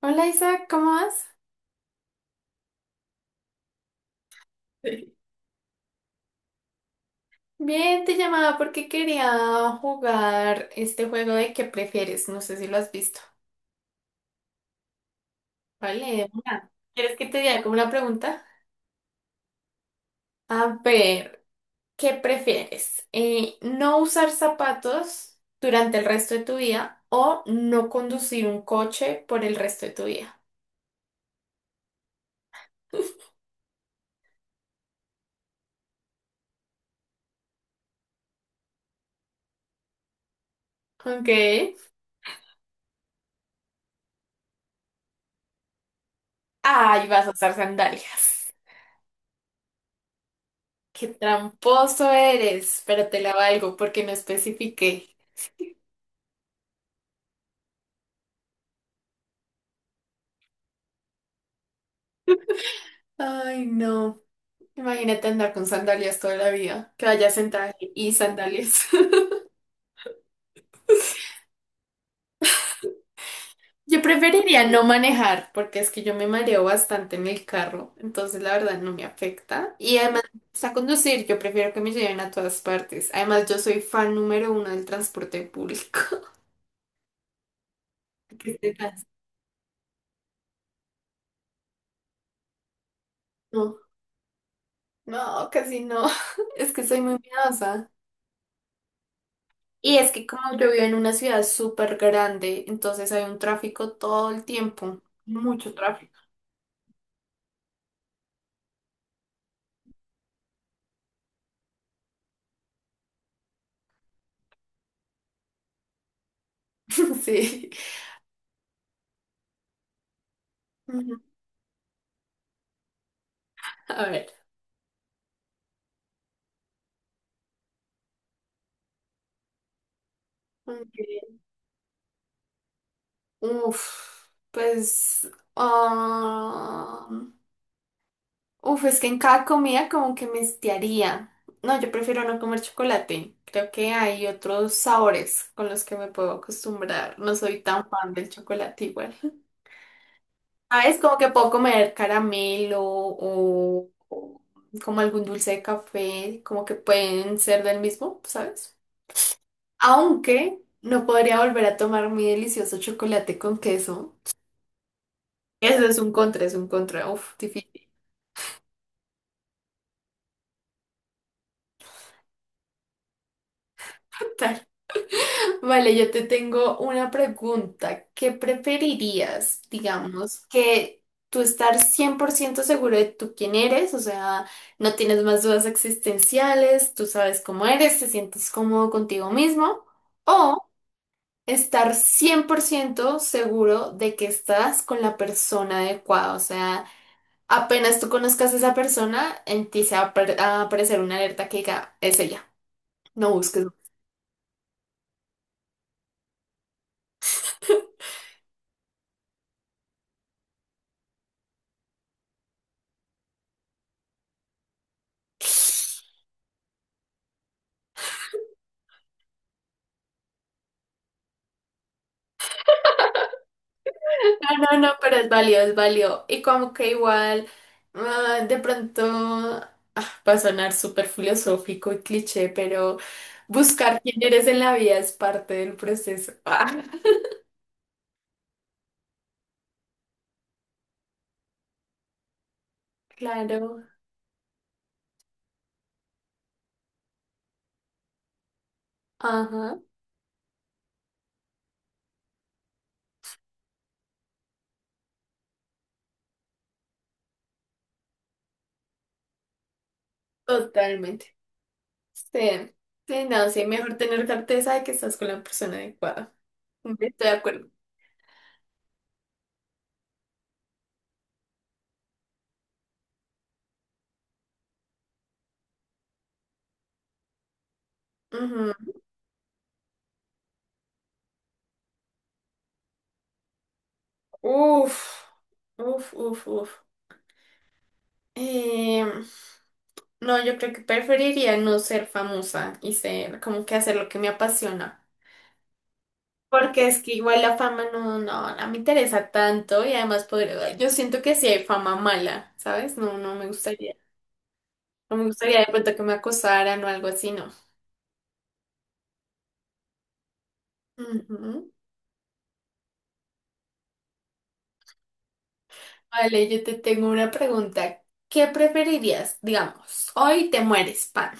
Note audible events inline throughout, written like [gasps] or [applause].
Hola Isaac, ¿cómo vas? Sí. Bien, te llamaba porque quería jugar este juego de qué prefieres. No sé si lo has visto. Vale, de una. ¿Quieres que te diga como una pregunta? A ver, ¿qué prefieres? ¿No usar zapatos durante el resto de tu vida o no conducir un coche por el resto de tu vida? Ok. Ay, vas a usar sandalias. Qué tramposo eres, pero te la valgo porque no especifiqué. Ay, no. Imagínate andar con sandalias toda la vida, que vaya sentada y sandalias. [laughs] Yo preferiría no manejar, porque es que yo me mareo bastante en el carro, entonces la verdad no me afecta. Y además, a conducir, yo prefiero que me lleven a todas partes. Además, yo soy fan número uno del transporte público. [laughs] ¿Qué te pasa? No, no, casi no. [laughs] Es que soy muy miedosa. Y es que como yo vivo en una ciudad súper grande, entonces hay un tráfico todo el tiempo. Mucho tráfico. [laughs] Sí. Ujú. A ver. Ok. Uf, pues. ah, uf, es que en cada comida como que me estiaría. No, yo prefiero no comer chocolate. Creo que hay otros sabores con los que me puedo acostumbrar. No soy tan fan del chocolate igual. ¿Sabes? Como que puedo comer caramelo o como algún dulce de café, como que pueden ser del mismo, ¿sabes? Aunque no podría volver a tomar mi delicioso chocolate con queso. Eso es un contra, es un contra. Uf, difícil. [laughs] Vale, yo te tengo una pregunta. ¿Qué preferirías, digamos, que tú estar 100% seguro de tú quién eres? O sea, no tienes más dudas existenciales, tú sabes cómo eres, te sientes cómodo contigo mismo. O estar 100% seguro de que estás con la persona adecuada. O sea, apenas tú conozcas a esa persona, en ti se va a aparecer una alerta que diga, es ella. No busques. No, no, no, pero es válido, es válido. Y como que igual, de pronto va a sonar súper filosófico y cliché, pero buscar quién eres en la vida es parte del proceso. [laughs] Ah, claro, ajá, totalmente. Sí, sí, no, sí, mejor tener certeza de que estás con la persona adecuada. Estoy de acuerdo. Ujú. Uf, uf. Eh, no, yo creo que preferiría no ser famosa y ser como que hacer lo que me apasiona. Porque es que igual la fama no, no me interesa tanto y además poder, yo siento que sí hay fama mala, ¿sabes? No, no me gustaría. No me gustaría de pronto que me acosaran o algo así, no. Ujú. Vale, yo te tengo una pregunta. ¿Qué preferirías? Digamos, hoy te mueres, pan.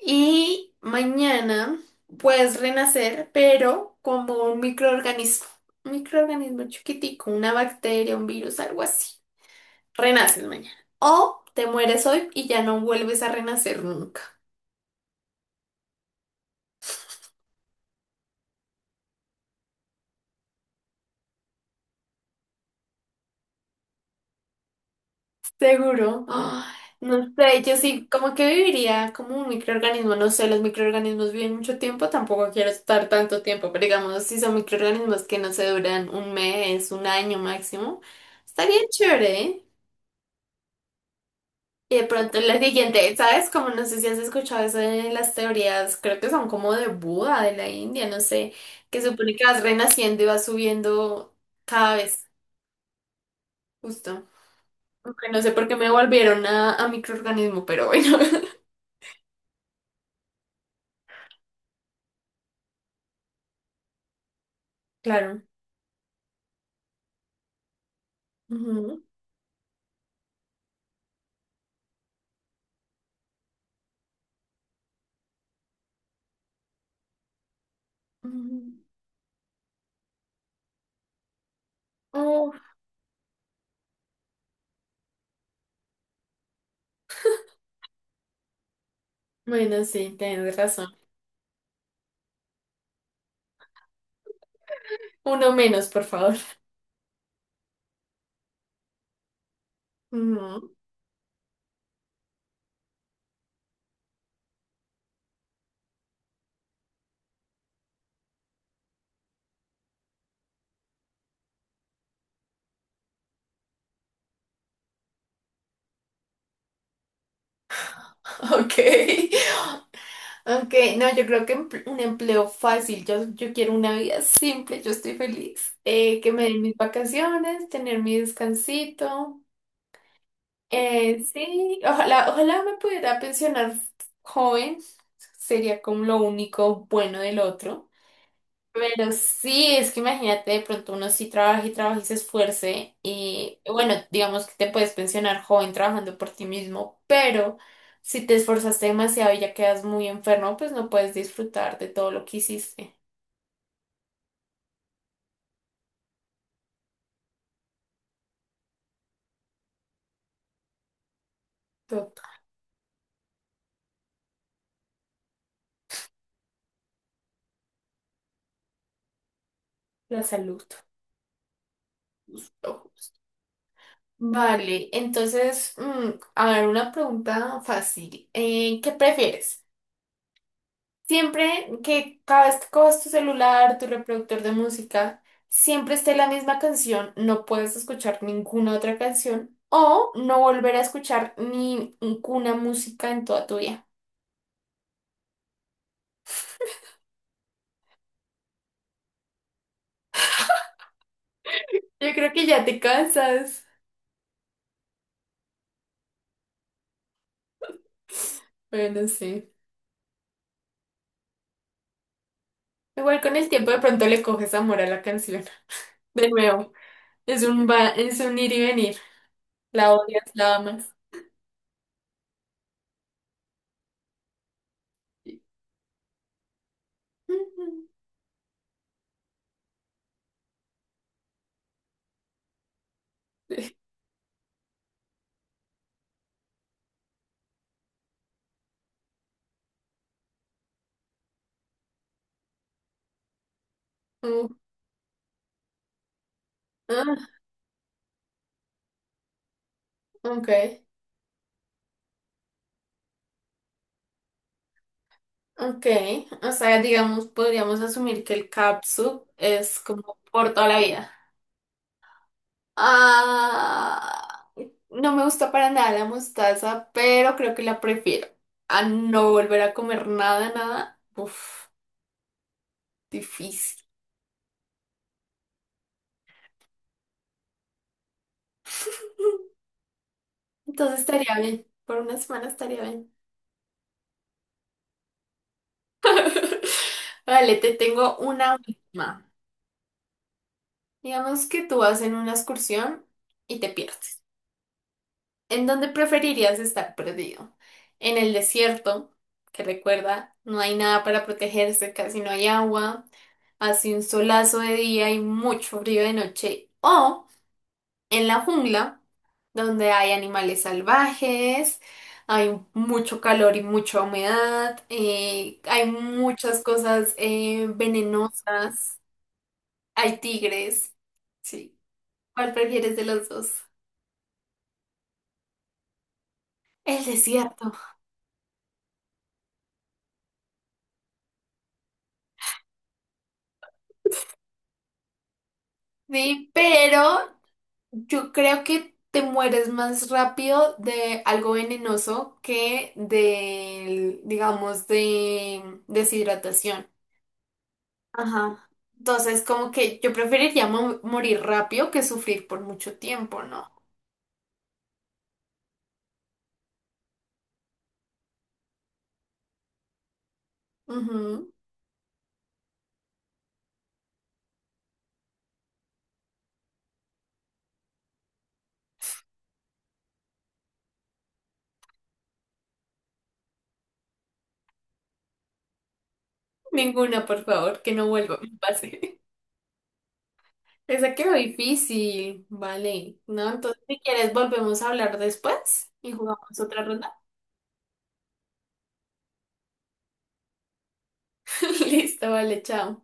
Y mañana puedes renacer, pero como un microorganismo. Un microorganismo chiquitico, una bacteria, un virus, algo así. Renaces mañana. O te mueres hoy y ya no vuelves a renacer nunca. Seguro. [gasps] Ah, no sé, yo sí, como que viviría como un microorganismo. No sé, los microorganismos viven mucho tiempo, tampoco quiero estar tanto tiempo, pero digamos, si son microorganismos que no se duran un mes, un año máximo, estaría chévere, ¿eh? Y de pronto en la siguiente, ¿sabes? Como no sé si has escuchado eso de las teorías, creo que son como de Buda, de la India, no sé, que supone que vas renaciendo y vas subiendo cada vez, justo. Aunque no sé por qué me volvieron a microorganismo, pero bueno. [laughs] Claro. Ujú, ujú. Oh, bueno, sí, tienes razón. Uno menos, por favor. [laughs] Ujú. Ok. Aunque, no, yo creo que un empleo fácil, yo quiero una vida simple, yo estoy feliz. Que me den mis vacaciones, tener mi descansito. Sí, ojalá me pudiera pensionar joven, sería como lo único bueno del otro. Pero sí, es que imagínate, de pronto uno sí trabaja y trabaja y se esfuerce y bueno, digamos que te puedes pensionar joven trabajando por ti mismo, pero si te esforzaste demasiado y ya quedas muy enfermo, pues no puedes disfrutar de todo lo que hiciste, todo, la salud. Todo. Vale, entonces, a ver, una pregunta fácil. ¿Qué prefieres? Siempre que cada vez que coges tu celular, tu reproductor de música, siempre esté la misma canción, no puedes escuchar ninguna otra canción o no volver a escuchar ni ninguna música en toda tu vida. Yo creo que ya te cansas. Bueno, sí. Igual con el tiempo de pronto le coges amor a la canción. De nuevo, es un ir y venir. La odias, la amas. [laughs] Sí. Uh, ah, ok. Ok, o sea, digamos, podríamos asumir que el capsu es como por toda la vida. Ah, no me gusta para nada la mostaza, pero creo que la prefiero a no volver a comer nada, nada. Uf, difícil. Entonces estaría bien, por una semana estaría bien. Vale, te tengo una última. Digamos que tú vas en una excursión y te pierdes. ¿En dónde preferirías estar perdido? ¿En el desierto? Que recuerda, no hay nada para protegerse, casi no hay agua, hace un solazo de día y mucho frío de noche. ¿O en la jungla, donde hay animales salvajes, hay mucho calor y mucha humedad, hay muchas cosas venenosas, hay tigres? Sí. ¿Cuál prefieres de los dos? El desierto. Sí, pero yo creo que te mueres más rápido de algo venenoso que de, digamos, de deshidratación. Ajá. Entonces, como que yo preferiría morir rápido que sufrir por mucho tiempo, ¿no? Ujú. Ninguna, por favor, que no vuelva a pase. [laughs] Esa quedó difícil, vale. No, entonces si quieres volvemos a hablar después y jugamos otra ronda. [laughs] Listo, vale, chao.